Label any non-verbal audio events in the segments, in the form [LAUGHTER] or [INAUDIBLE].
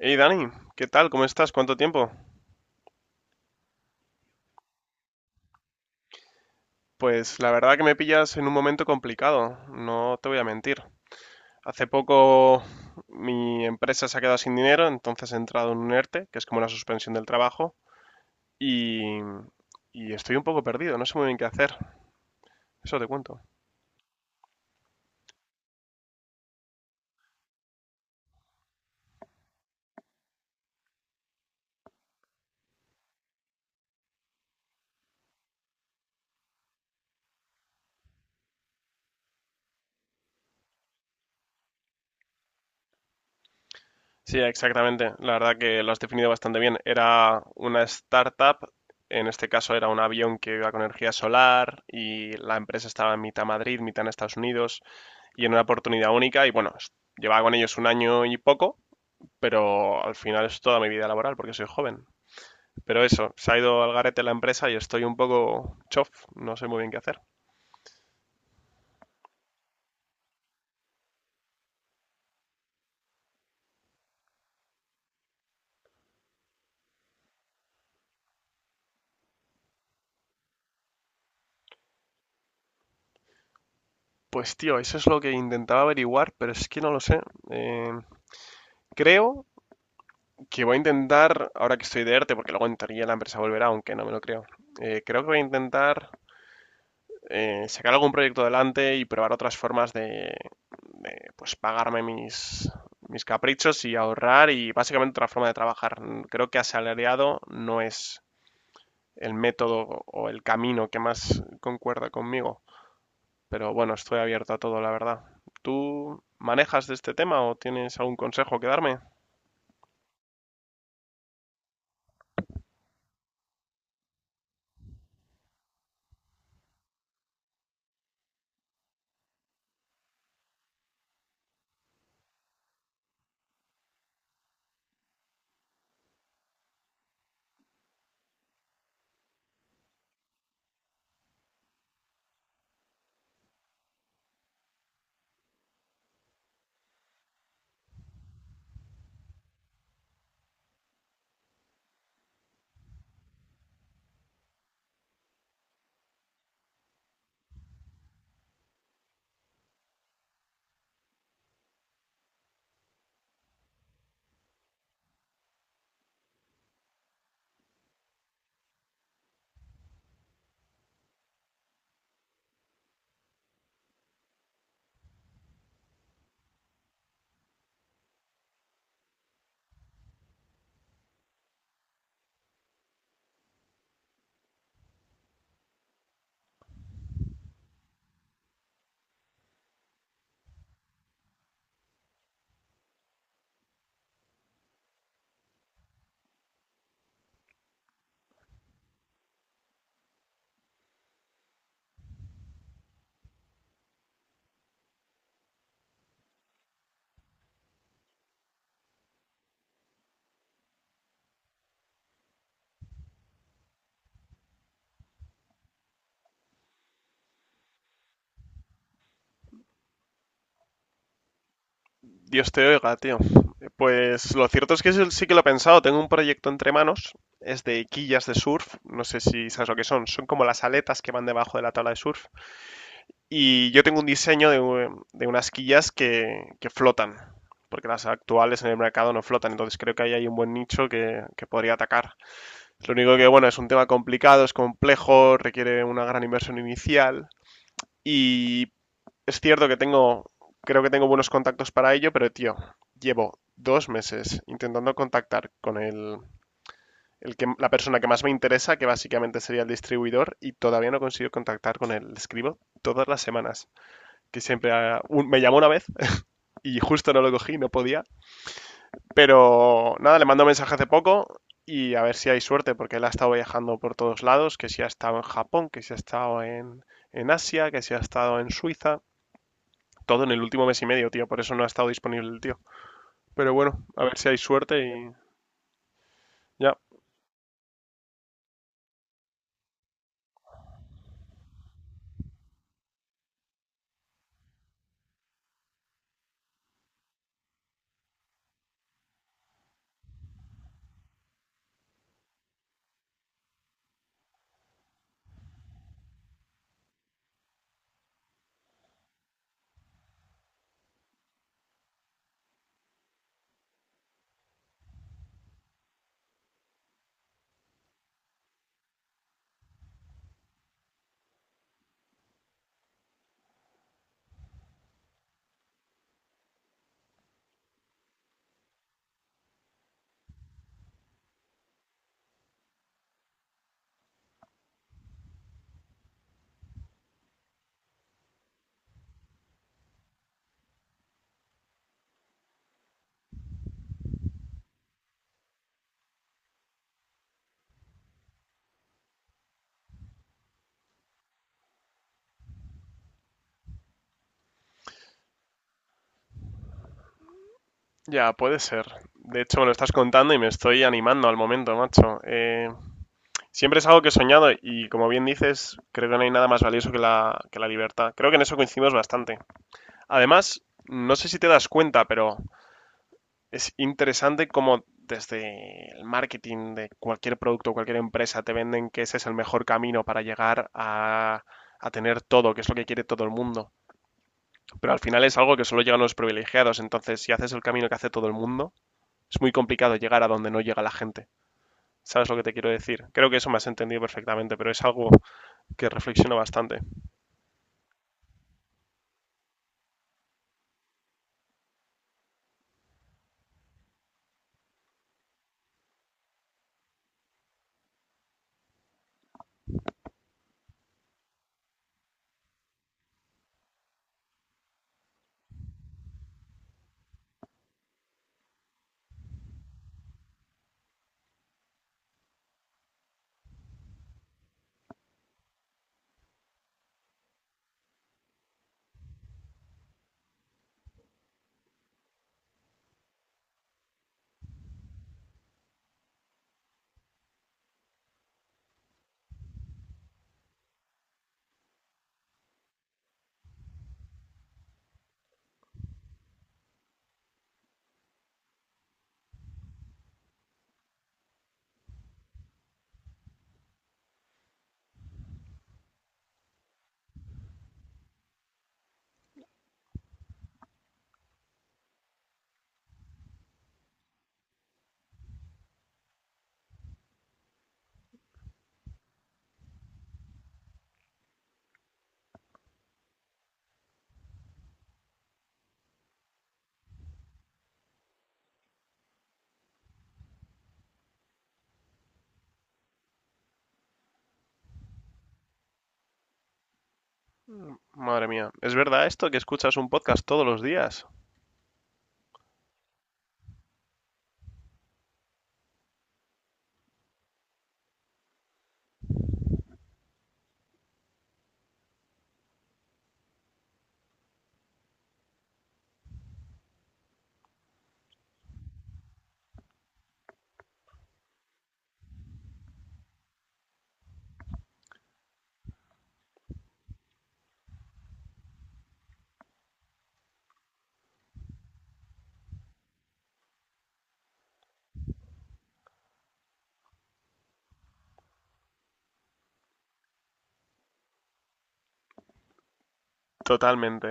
Hey Dani, ¿qué tal? ¿Cómo estás? ¿Cuánto tiempo? Pues la verdad que me pillas en un momento complicado, no te voy a mentir. Hace poco mi empresa se ha quedado sin dinero, entonces he entrado en un ERTE, que es como una suspensión del trabajo, y, y estoy un poco perdido, no sé muy bien qué hacer. Eso te cuento. Sí, exactamente. La verdad que lo has definido bastante bien. Era una startup, en este caso era un avión que iba con energía solar y la empresa estaba en mitad Madrid, mitad en Estados Unidos, y en una oportunidad única. Y bueno, llevaba con ellos un año y poco, pero al final es toda mi vida laboral porque soy joven. Pero eso, se ha ido al garete la empresa y estoy un poco chof, no sé muy bien qué hacer. Pues tío, eso es lo que intentaba averiguar, pero es que no lo sé. Eh, creo que voy a intentar, ahora que estoy de ERTE, porque luego en teoría la empresa volverá, aunque no me lo creo. Creo que voy a intentar sacar algún proyecto adelante y probar otras formas de pues pagarme mis caprichos y ahorrar y básicamente otra forma de trabajar. Creo que asalariado no es el método o el camino que más concuerda conmigo, pero bueno, estoy abierto a todo, la verdad. ¿Tú manejas de este tema o tienes algún consejo que darme? Dios te oiga, tío. Pues lo cierto es que eso sí que lo he pensado. Tengo un proyecto entre manos. Es de quillas de surf. No sé si sabes lo que son. Son como las aletas que van debajo de la tabla de surf. Y yo tengo un diseño de, de unas quillas que flotan. Porque las actuales en el mercado no flotan. Entonces creo que ahí hay un buen nicho que podría atacar. Lo único que, bueno, es un tema complicado, es complejo, requiere una gran inversión inicial. Y es cierto que creo que tengo buenos contactos para ello, pero tío, llevo dos meses intentando contactar con la persona que más me interesa, que básicamente sería el distribuidor, y todavía no consigo contactar con él. Le escribo todas las semanas, que siempre me llamó una vez [LAUGHS] y justo no lo cogí, no podía. Pero nada, le mando un mensaje hace poco y a ver si hay suerte, porque él ha estado viajando por todos lados, que si ha estado en Japón, que si ha estado en Asia, que si ha estado en Suiza, todo en el último mes y medio, tío. Por eso no ha estado disponible el tío. Pero bueno, a ver si hay suerte y ya, ya puede ser. De hecho, me lo estás contando y me estoy animando al momento, macho. Siempre es algo que he soñado y como bien dices, creo que no hay nada más valioso que que la libertad. Creo que en eso coincidimos bastante. Además, no sé si te das cuenta, pero es interesante cómo desde el marketing de cualquier producto, cualquier empresa, te venden que ese es el mejor camino para llegar a tener todo, que es lo que quiere todo el mundo. Pero al final es algo que solo llegan los privilegiados, entonces si haces el camino que hace todo el mundo, es muy complicado llegar a donde no llega la gente. ¿Sabes lo que te quiero decir? Creo que eso me has entendido perfectamente, pero es algo que reflexiono bastante. Madre mía, ¿es verdad esto que escuchas un podcast todos los días? Totalmente,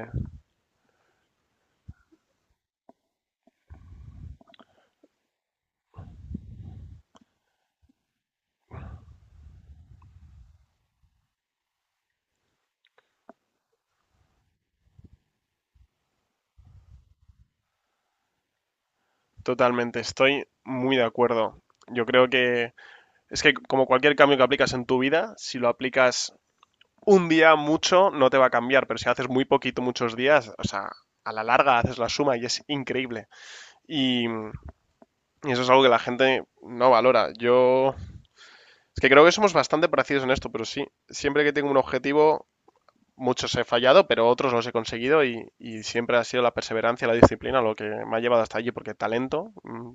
totalmente, estoy muy de acuerdo. Yo creo que es que como cualquier cambio que aplicas en tu vida, si lo aplicas un día mucho, no te va a cambiar, pero si haces muy poquito muchos días, o sea, a la larga haces la suma y es increíble. Y eso es algo que la gente no valora. Yo es que creo que somos bastante parecidos en esto, pero sí, siempre que tengo un objetivo, muchos he fallado, pero otros los he conseguido y siempre ha sido la perseverancia, la disciplina lo que me ha llevado hasta allí, porque talento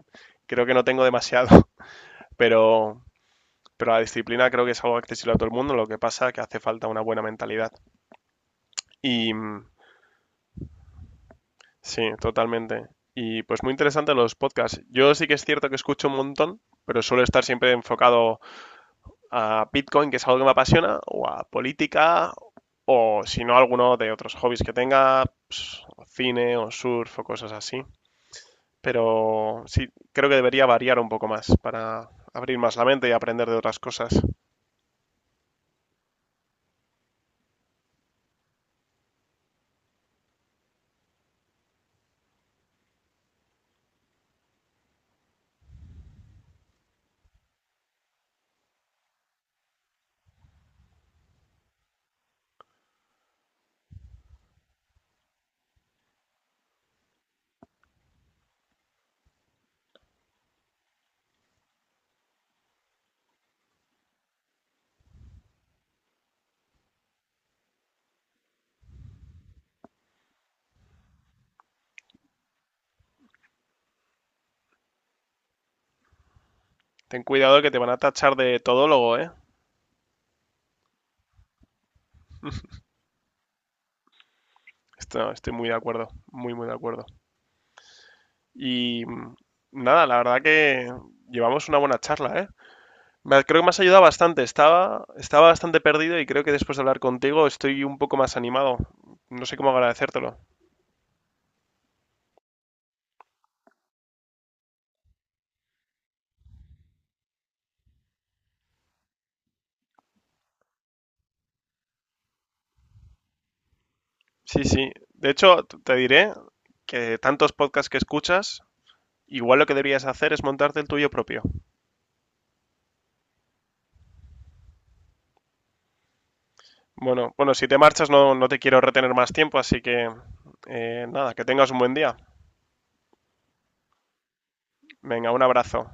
creo que no tengo demasiado, [LAUGHS] pero, pero la disciplina creo que es algo accesible a todo el mundo, lo que pasa es que hace falta una buena mentalidad. Y mm, sí, totalmente. Y pues muy interesante los podcasts. Yo sí que es cierto que escucho un montón, pero suelo estar siempre enfocado a Bitcoin, que es algo que me apasiona, o a política, o si no, alguno de otros hobbies que tenga, pues, cine o surf o cosas así. Pero sí, creo que debería variar un poco más para abrir más la mente y aprender de otras cosas. Ten cuidado que te van a tachar de todólogo, ¿eh? Estoy muy de acuerdo, muy de acuerdo. Y mm, Nada, la verdad que llevamos una buena charla, ¿eh? Creo que me has ayudado bastante. Estaba bastante perdido y creo que después de hablar contigo estoy un poco más animado. No sé cómo agradecértelo. Sí, sí. De hecho, te diré que tantos podcasts que escuchas, igual lo que deberías hacer es montarte el tuyo propio. Bueno, bueno, si te marchas no, no te quiero retener más tiempo, así que nada, que tengas un buen día. Venga, un abrazo.